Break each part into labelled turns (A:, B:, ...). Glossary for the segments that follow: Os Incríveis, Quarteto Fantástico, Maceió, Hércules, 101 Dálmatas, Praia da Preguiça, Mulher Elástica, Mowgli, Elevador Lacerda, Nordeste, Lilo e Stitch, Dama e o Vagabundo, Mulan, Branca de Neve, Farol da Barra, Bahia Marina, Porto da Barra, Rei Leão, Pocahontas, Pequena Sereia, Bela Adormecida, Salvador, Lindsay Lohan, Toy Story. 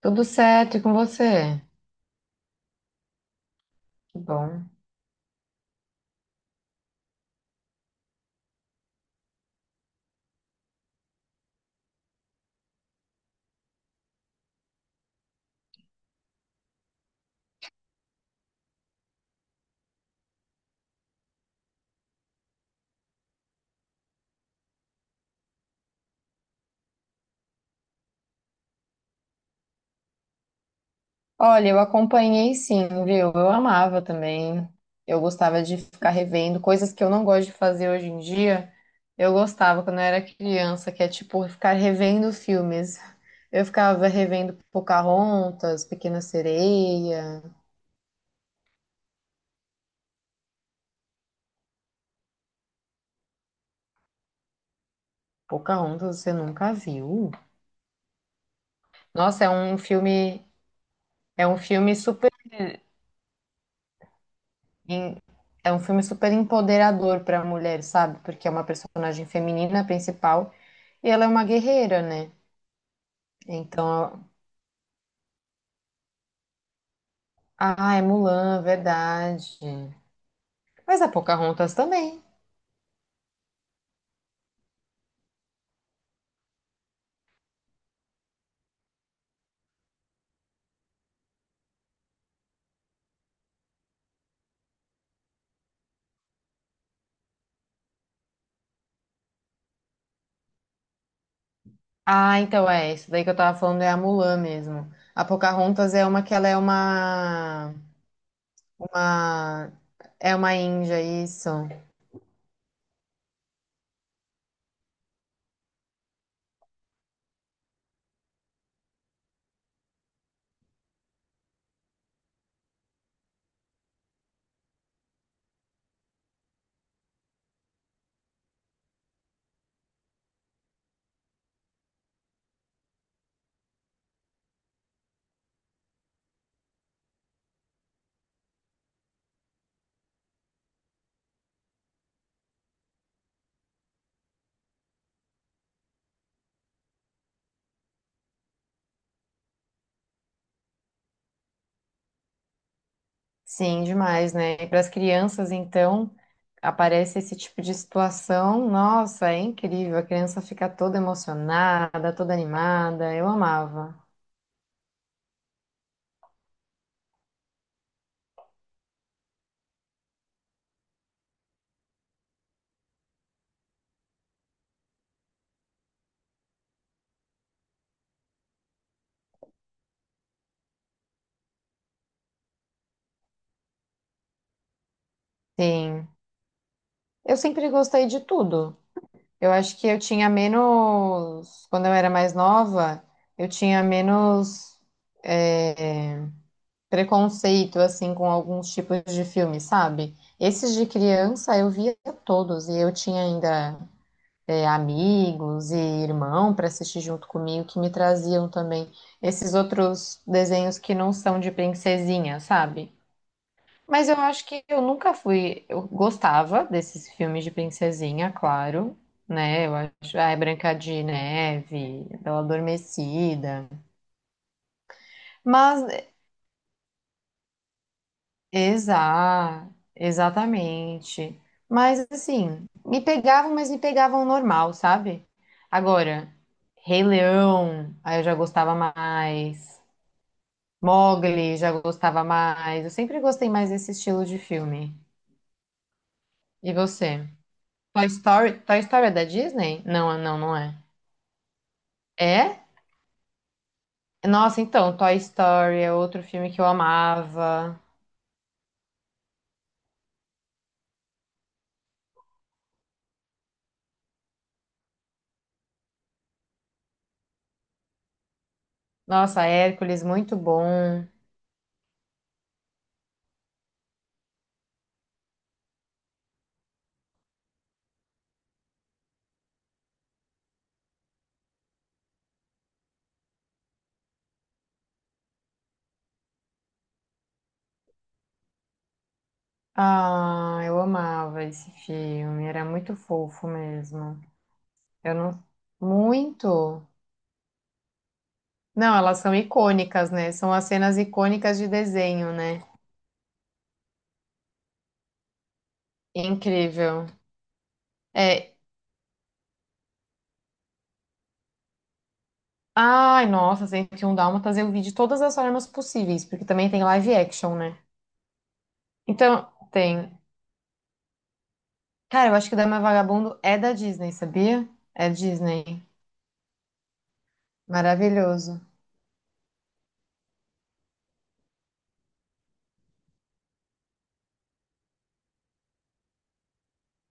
A: Tudo certo e com você? Que bom. Olha, eu acompanhei sim, viu? Eu amava também. Eu gostava de ficar revendo coisas que eu não gosto de fazer hoje em dia. Eu gostava quando eu era criança, que é tipo ficar revendo filmes. Eu ficava revendo Pocahontas, Pequena Sereia. Pocahontas você nunca viu? Nossa, é um filme super em- É um filme super empoderador para a mulher, sabe? Porque é uma personagem feminina principal. E ela é uma guerreira, né? Então, ah, é Mulan, verdade. Mas a Pocahontas também. Ah, então é, isso daí que eu tava falando é a Mulan mesmo. A Pocahontas é uma que ela é uma, é uma índia, isso. Sim, demais, né? E para as crianças, então, aparece esse tipo de situação, nossa, é incrível. A criança fica toda emocionada, toda animada. Eu amava. Sim. Eu sempre gostei de tudo. Eu acho que eu tinha menos. Quando eu era mais nova, eu tinha menos é, preconceito, assim, com alguns tipos de filme, sabe? Esses de criança eu via todos, e eu tinha ainda amigos e irmão para assistir junto comigo que me traziam também esses outros desenhos que não são de princesinha, sabe? Mas eu acho que eu nunca fui. Eu gostava desses filmes de princesinha, claro, né? Eu acho. Ah, é Branca de Neve, Bela Adormecida. Mas, exa, exatamente. Mas, assim, me pegavam, mas me pegavam normal, sabe? Agora, Rei Leão, aí eu já gostava mais. Mowgli, já gostava mais. Eu sempre gostei mais desse estilo de filme. E você? Toy Story, Toy Story é da Disney? Não, não, não é. É? Nossa, então, Toy Story é outro filme que eu amava. Nossa, Hércules, muito bom. Ah, eu amava esse filme, era muito fofo mesmo. Eu não. Muito. Não, elas são icônicas, né? São as cenas icônicas de desenho, né? Incrível. É. Ai, nossa, 101 Dálmatas eu vi de todas as formas possíveis, porque também tem live action, né? Então, tem. Cara, eu acho que o Dama e o Vagabundo é da Disney, sabia? É Disney. Maravilhoso.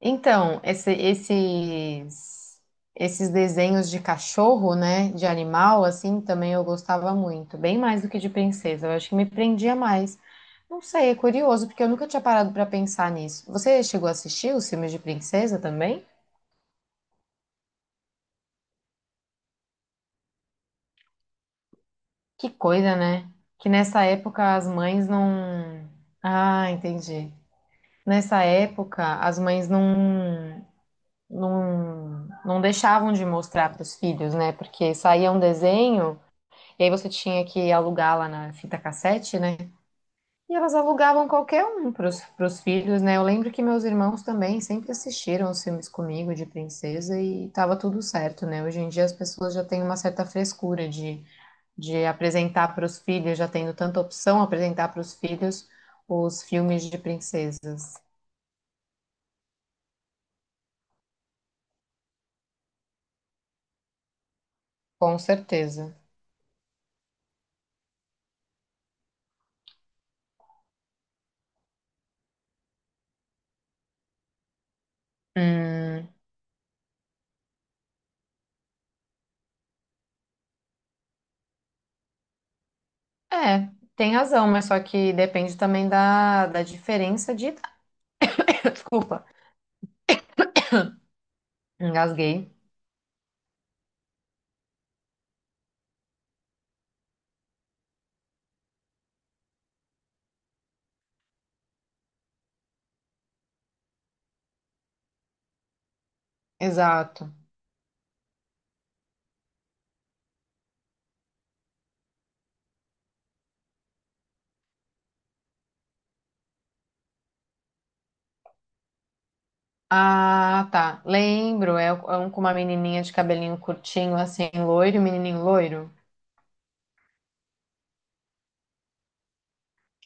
A: Então, esse- esses, esses desenhos de cachorro, né? De animal, assim, também eu gostava muito. Bem mais do que de princesa. Eu acho que me prendia mais. Não sei, é curioso, porque eu nunca tinha parado pra pensar nisso. Você chegou a assistir os filmes de princesa também? Que coisa, né? Que nessa época as mães não. Ah, entendi. Nessa época, as mães não não deixavam de mostrar para os filhos, né? Porque saía um desenho e aí você tinha que alugar lá na fita cassete, né? E elas alugavam qualquer um para os filhos, né? Eu lembro que meus irmãos também sempre assistiram os filmes comigo de princesa e tava tudo certo, né? Hoje em dia as pessoas já têm uma certa frescura de apresentar para os filhos, já tendo tanta opção apresentar para os filhos os filmes de princesas. Com certeza. Hum, É, tem razão, mas só que depende também da diferença de idade. Desculpa, engasguei. Exato. Ah, tá. Lembro, é um com uma menininha de cabelinho curtinho, assim, loiro, menininho loiro.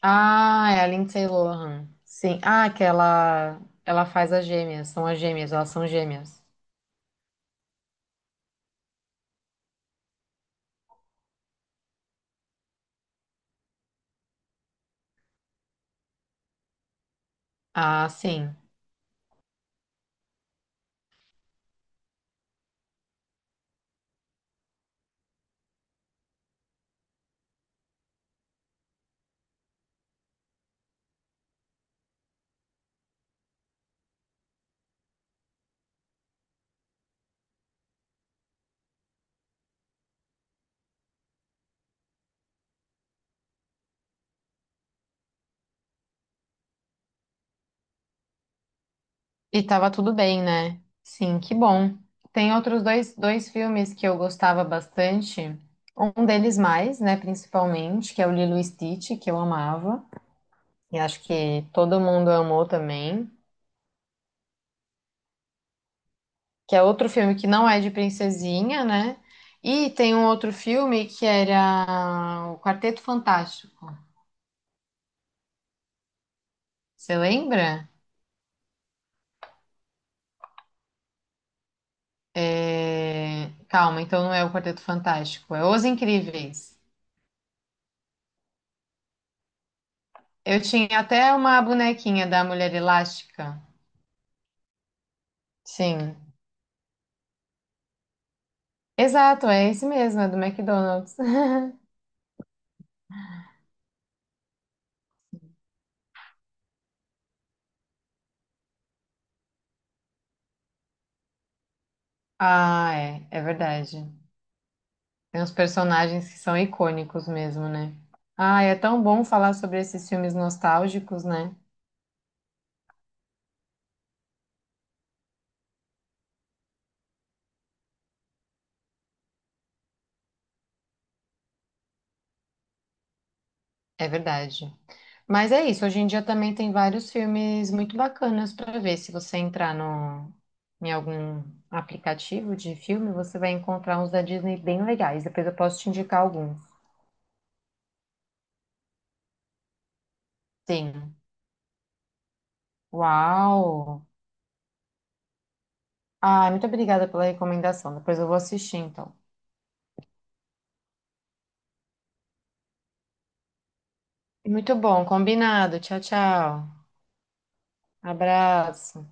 A: Ah, é a Lindsay Lohan. Sim. Ah, que ela faz as gêmeas, são as gêmeas, elas são gêmeas. Ah, sim. E tava tudo bem, né? Sim, que bom. Tem outros dois filmes que eu gostava bastante. Um deles mais, né, principalmente, que é o Lilo e Stitch, que eu amava. E acho que todo mundo amou também. Que é outro filme que não é de princesinha, né? E tem um outro filme que era o Quarteto Fantástico. Você lembra? É, calma, então não é o Quarteto Fantástico, é Os Incríveis. Eu tinha até uma bonequinha da Mulher Elástica. Sim. Exato, é esse mesmo, é do McDonald's. Ah, é, é verdade. Tem uns personagens que são icônicos mesmo, né? Ah, é tão bom falar sobre esses filmes nostálgicos, né? É verdade. Mas é isso, hoje em dia também tem vários filmes muito bacanas para ver. Se você entrar no, em algum aplicativo de filme, você vai encontrar uns da Disney bem legais. Depois eu posso te indicar alguns. Sim. Uau! Ah, muito obrigada pela recomendação. Depois eu vou assistir, então. Muito bom, combinado. Tchau, tchau. Abraço.